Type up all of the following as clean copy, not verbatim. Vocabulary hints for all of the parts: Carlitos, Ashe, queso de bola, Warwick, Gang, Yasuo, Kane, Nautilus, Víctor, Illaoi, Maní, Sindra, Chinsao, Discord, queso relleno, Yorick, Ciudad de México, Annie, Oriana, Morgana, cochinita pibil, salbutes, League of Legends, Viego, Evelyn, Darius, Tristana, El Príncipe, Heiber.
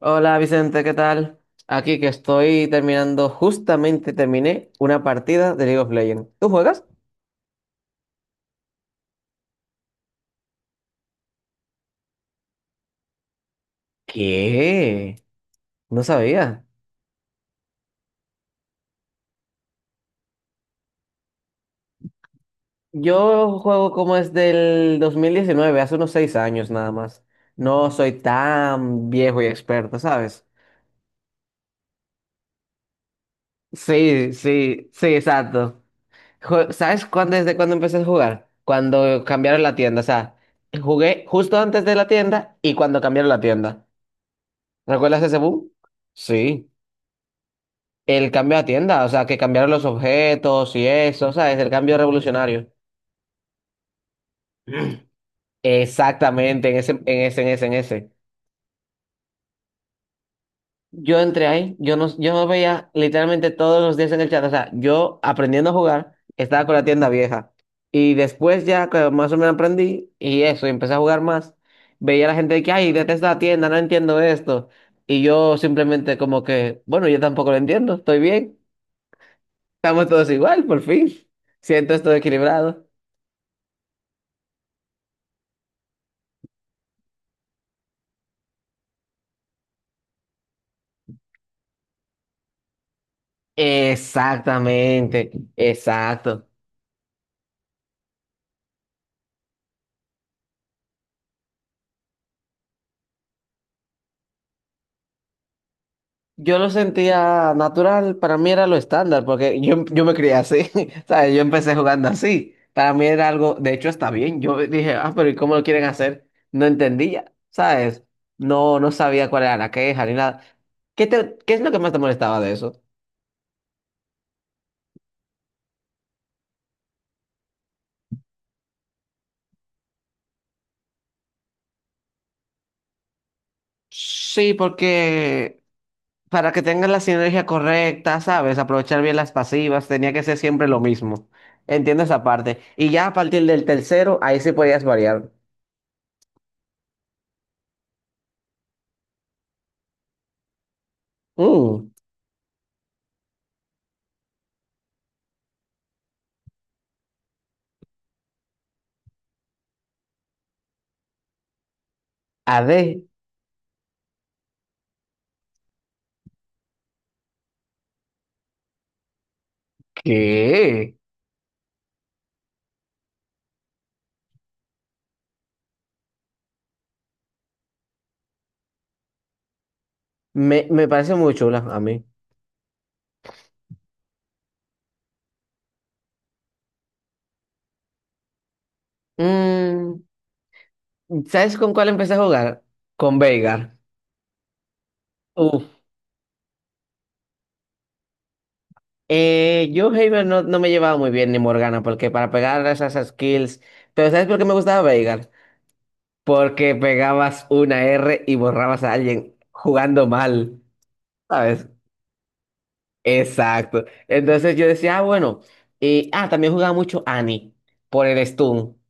Hola Vicente, ¿qué tal? Aquí que estoy terminando, justamente terminé una partida de League of Legends. ¿Tú juegas? ¿Qué? No sabía. Yo juego como es del 2019, hace unos 6 años nada más. No soy tan viejo y experto, ¿sabes? Sí, sí, sí, exacto. ¿Sabes cuándo, desde cuándo empecé a jugar? Cuando cambiaron la tienda, o sea, jugué justo antes de la tienda y cuando cambiaron la tienda. ¿Recuerdas ese boom? Sí. El cambio a tienda, o sea, que cambiaron los objetos y eso, o sea, es el cambio revolucionario. Exactamente, en ese. Yo entré ahí, yo no veía literalmente todos los días en el chat, o sea, yo aprendiendo a jugar, estaba con la tienda vieja. Y después ya que más o menos aprendí y eso, y empecé a jugar más, veía a la gente de que, ay, detesto la tienda, no entiendo esto. Y yo simplemente como que, bueno, yo tampoco lo entiendo, estoy bien, estamos todos igual, por fin. Siento esto equilibrado. Exactamente, exacto. Yo lo sentía natural, para mí era lo estándar, porque yo me crié así, ¿sabes? Yo empecé jugando así. Para mí era algo, de hecho está bien. Yo dije, ah, pero ¿y cómo lo quieren hacer? No entendía, ¿sabes? No, no sabía cuál era la queja ni nada. ¿Qué es lo que más te molestaba de eso? Sí, porque para que tengas la sinergia correcta, ¿sabes? Aprovechar bien las pasivas, tenía que ser siempre lo mismo. Entiendo esa parte. Y ya a partir del tercero, ahí sí podías variar. Mm, AD, ¿qué? Me parece muy chula a mí. Mm, ¿sabes con cuál empecé a jugar? Con Veigar. Uf. Yo Heiber no me llevaba muy bien ni Morgana, porque para pegar esas skills. Pero ¿sabes por qué me gustaba Veigar? Porque pegabas una R y borrabas a alguien jugando mal. ¿Sabes? Exacto. Entonces yo decía, ah, bueno, y, ah, también jugaba mucho Annie por el stun.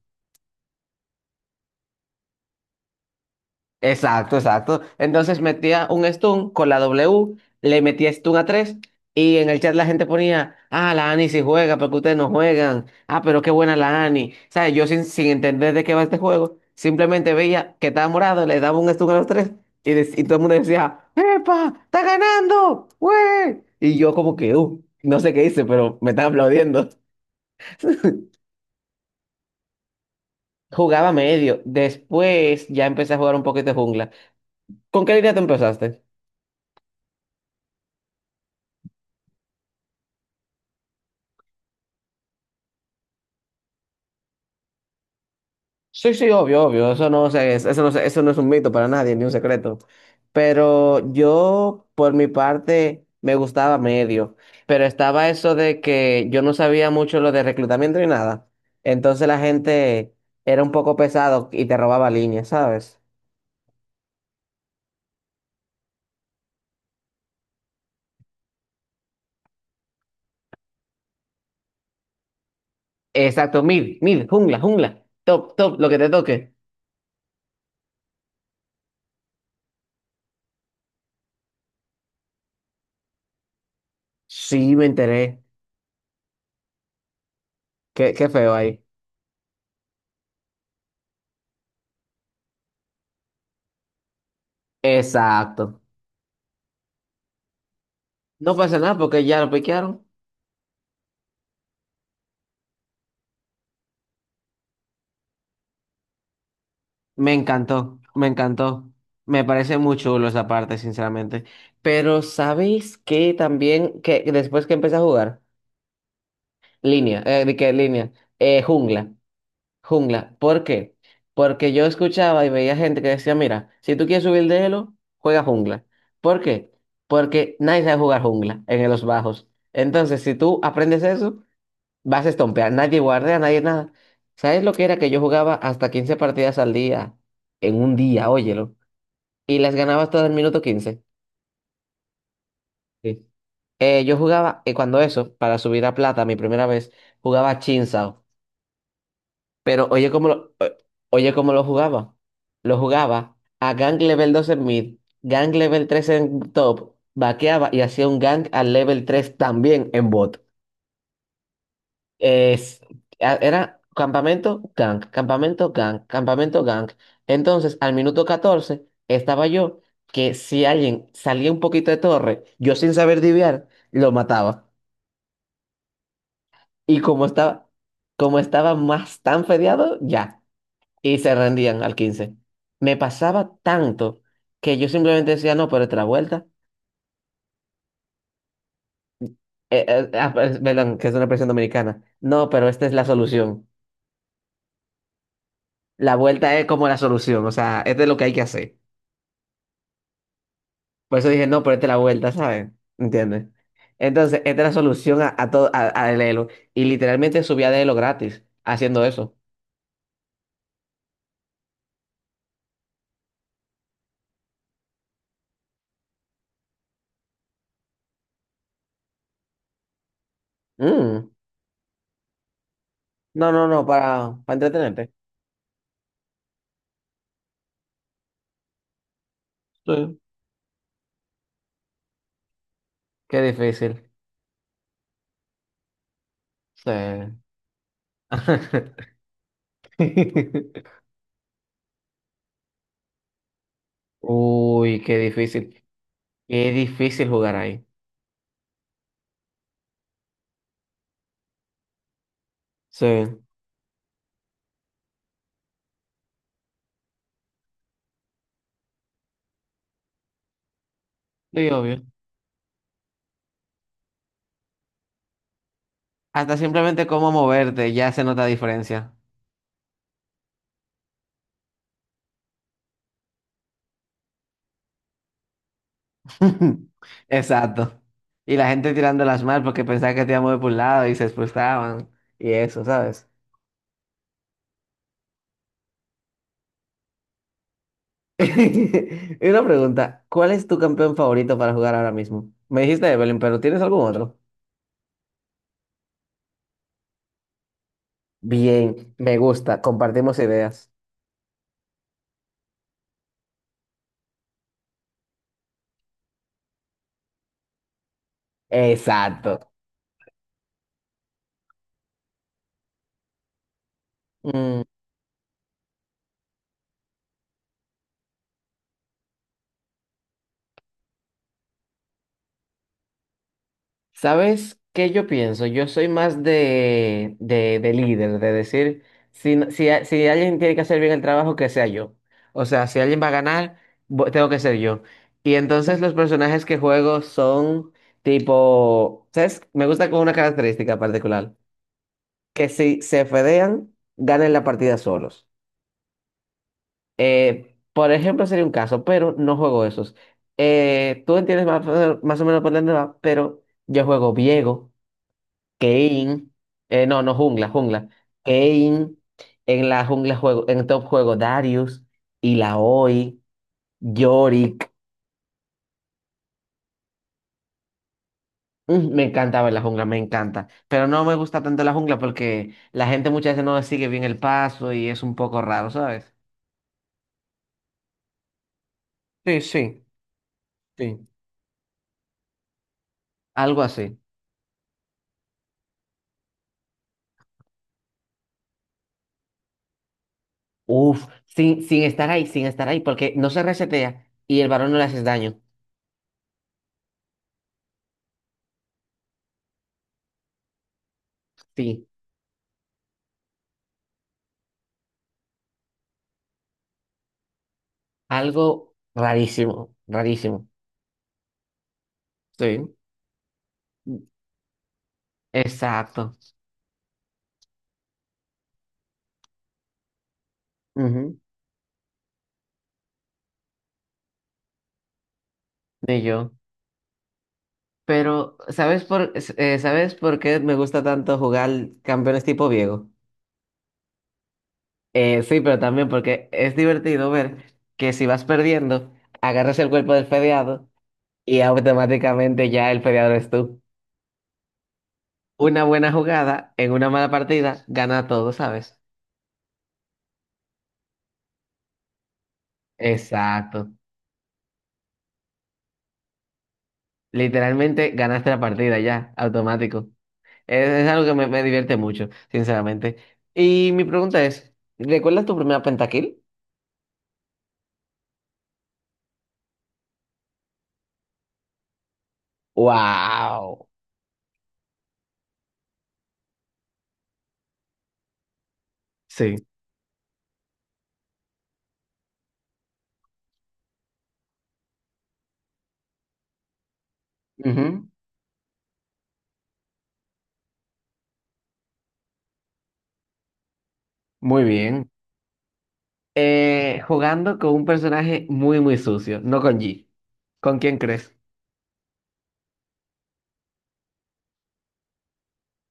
Exacto, exacto. Entonces metía un stun con la W, le metía stun a 3 y en el chat la gente ponía, ah, la Annie sí juega, porque ustedes no juegan. Ah, pero qué buena la Annie. ¿Sabes? Yo sin entender de qué va este juego, simplemente veía que estaba morado, le daba un stun a los tres y todo el mundo decía, ¡Epa! ¡Está ganando! ¡Wey! Y yo como que, no sé qué hice, pero me estaba aplaudiendo. Jugaba medio. Después ya empecé a jugar un poquito de jungla. ¿Con qué línea tú empezaste? Sí, sí, obvio, obvio. Eso no se- es, eso no se- eso no es un mito para nadie, ni un secreto. Pero yo, por mi parte, me gustaba medio. Pero estaba eso de que yo no sabía mucho lo de reclutamiento ni nada. Entonces la gente era un poco pesado y te robaba líneas, ¿sabes? Exacto, mid, mid, jungla, jungla. Top, top, lo que te toque. Sí, me enteré. Qué feo ahí. Exacto. No pasa nada porque ya lo piquearon. Me encantó, me encantó. Me parece muy chulo esa parte, sinceramente. Pero ¿sabéis que también, que después que empecé a jugar, línea, ¿de qué línea? Jungla, jungla. ¿Por qué? Porque yo escuchaba y veía gente que decía, mira, si tú quieres subir de elo, juega jungla. ¿Por qué? Porque nadie sabe jugar jungla en los bajos. Entonces, si tú aprendes eso, vas a estompear, nadie guardea, nadie nada. ¿Sabes lo que era que yo jugaba hasta 15 partidas al día en un día, óyelo? Y las ganabas todas en minuto 15. Sí. Yo jugaba, y cuando eso, para subir a plata, mi primera vez, jugaba Chinsao. Pero oye cómo lo jugaba. Lo jugaba a Gang Level 2 en mid, Gang Level 3 en top, vaqueaba y hacía un Gang al Level 3 también en bot. Es, era campamento gang, campamento gang, campamento gang. Entonces, al minuto 14 estaba yo que si alguien salía un poquito de torre, yo sin saber diviar, lo mataba. Y como estaba más tan fedeado, ya. Y se rendían al 15. Me pasaba tanto que yo simplemente decía, no, pero otra vuelta. Perdón, que es una expresión dominicana. No, pero esta es la solución. La vuelta es como la solución, o sea, este es lo que hay que hacer. Por eso dije, no, ponete la vuelta, ¿sabes? ¿Entiendes? Entonces, esta es la solución a todo, al Elo. Y literalmente subía de Elo gratis haciendo eso. Mm. No, no, no, para entretenerte. Sí. Qué difícil. Sí. Uy, qué difícil. Qué difícil jugar ahí. Sí. Sí, obvio. Hasta simplemente cómo moverte, ya se nota diferencia. Exacto. Y la gente tirándolas mal porque pensaba que te iba a mover por un lado y se frustraban y eso, ¿sabes? Y una pregunta, ¿cuál es tu campeón favorito para jugar ahora mismo? Me dijiste Evelyn, pero ¿tienes algún otro? Bien, me gusta, compartimos ideas. Exacto. ¿Sabes qué yo pienso? Yo soy más de líder, de decir, si alguien tiene que hacer bien el trabajo, que sea yo. O sea, si alguien va a ganar, tengo que ser yo. Y entonces los personajes que juego son tipo, ¿sabes? Me gusta con una característica particular, que si se fedean, ganen la partida solos. Por ejemplo, sería un caso, pero no juego esos. Tú entiendes más, más o menos por dónde va, pero yo juego Viego. Kane, no, no, jungla, jungla. Kane, en la jungla juego, en top juego Darius, Illaoi, Yorick. Me encantaba en la jungla, me encanta. Pero no me gusta tanto la jungla porque la gente muchas veces no sigue bien el paso y es un poco raro, ¿sabes? Sí, sí, sí. Algo así. Uf, sin estar ahí, sin estar ahí, porque no se resetea y el varón no le haces daño. Sí, algo rarísimo, rarísimo. Sí. Exacto. Ujú. Ni yo. Pero, ¿sabes por qué me gusta tanto jugar campeones tipo viejo? Sí, pero también porque es divertido ver que si vas perdiendo, agarras el cuerpo del fedeado y automáticamente ya el fedeado eres tú. Una buena jugada en una mala partida gana todo, ¿sabes? Exacto. Literalmente ganaste la partida ya, automático. Es algo que me divierte mucho, sinceramente. Y mi pregunta es, ¿recuerdas tu primera pentakill? ¡Wow! Sí. Ujú, muy bien. Jugando con un personaje muy, muy sucio, no con G. ¿Con quién crees?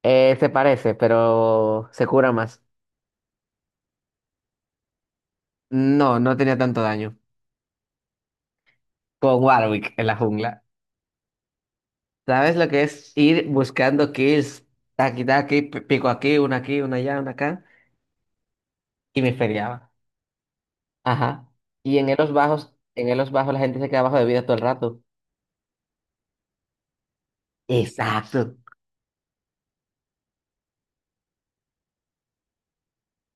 Se parece, pero se cura más. No, no tenía tanto daño. Con Warwick en la jungla. ¿Sabes lo que es ir buscando kills? Taqui, taqui, pico aquí, una allá, una acá. Y me feriaba. Ajá. Y en elos bajos la gente se queda abajo de vida todo el rato. Exacto.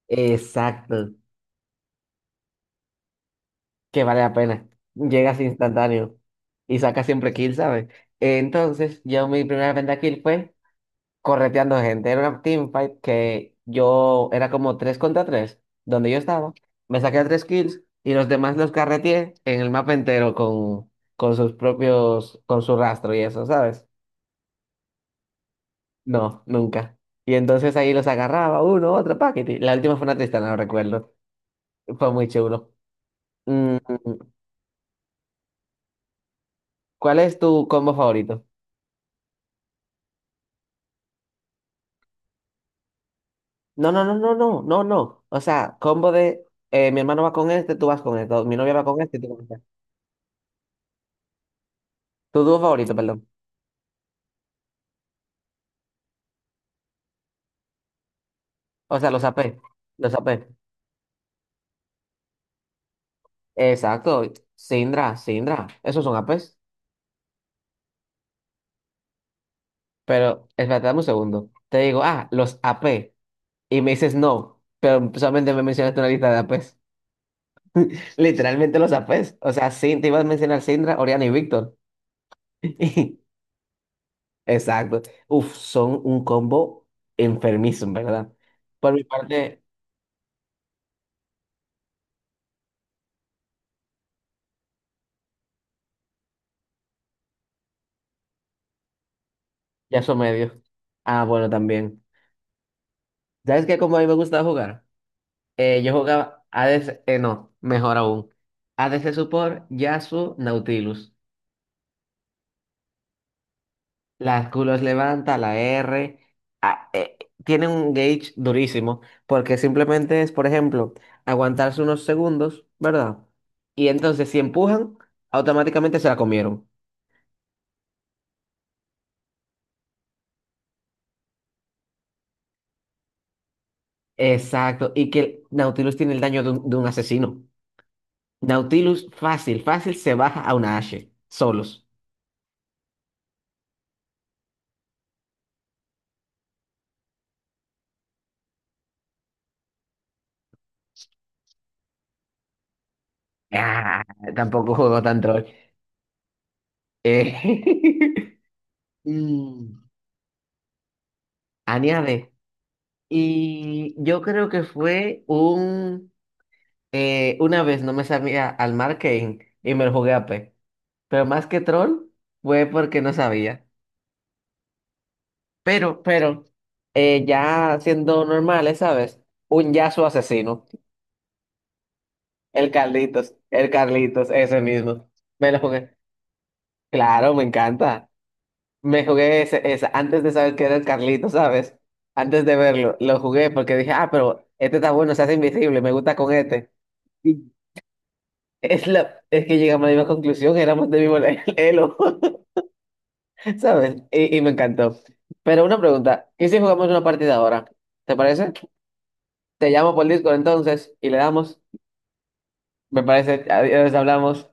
Exacto. Que vale la pena. Llegas instantáneo y sacas siempre kill, ¿sabes? Entonces, yo mi primera venta kill fue correteando gente. Era una teamfight que yo era como 3 contra 3 donde yo estaba. Me saqué a 3 kills y los demás los carreteé en el mapa entero con su rastro y eso, ¿sabes? No, nunca. Y entonces ahí los agarraba uno, otro, paquete. La última fue una tristana, no recuerdo. Fue muy chulo. Mm, ¿Cuál es tu combo favorito? No, no, no, no, no, no, no. O sea, combo de mi hermano va con este, tú vas con este, o mi novia va con este, tú con este. Tu dúo favorito, perdón. O sea, los AP. Los AP. Exacto. Sindra, Sindra. Esos son APs. Pero, espérate, dame un segundo. Te digo, ah, los AP. Y me dices no, pero solamente me mencionaste una lista de APs. Literalmente los APs. O sea, sí, te ibas a mencionar Sindra, Oriana y Víctor. Exacto. Uf, son un combo enfermizo, en verdad. Por mi parte. Ya son medio. Ah, bueno, también. ¿Sabes qué? Como a mí me gustaba jugar. Yo jugaba A ADC, no, mejor aún. ADC Support, Yasuo, Nautilus. Las culos levanta, la R. ah, eh, Tiene un gauge durísimo, porque simplemente es, por ejemplo, aguantarse unos segundos, ¿verdad? Y entonces si empujan, automáticamente se la comieron. Exacto, y que Nautilus tiene el daño de un asesino. Nautilus fácil, fácil se baja a una Ashe, solos. Ah, tampoco juego tan troll. Eh, mm, añade. Y yo creo que fue un. Una vez no me sabía al Marketing y me lo jugué a P. Pero más que troll fue porque no sabía. Pero ya siendo normales, ¿sabes? Un Yasuo asesino. El Carlitos, ese mismo. Me lo jugué. Claro, me encanta. Me jugué ese, esa antes de saber que era el Carlito, ¿sabes? Antes de verlo, lo jugué porque dije, ah, pero este está bueno, se hace invisible, me gusta con este. Y es que llegamos a la misma conclusión, éramos del mismo elo, ¿sabes? Y me encantó. Pero una pregunta, ¿y si jugamos una partida ahora? ¿Te parece? Te llamo por Discord entonces y le damos, me parece, adiós, hablamos.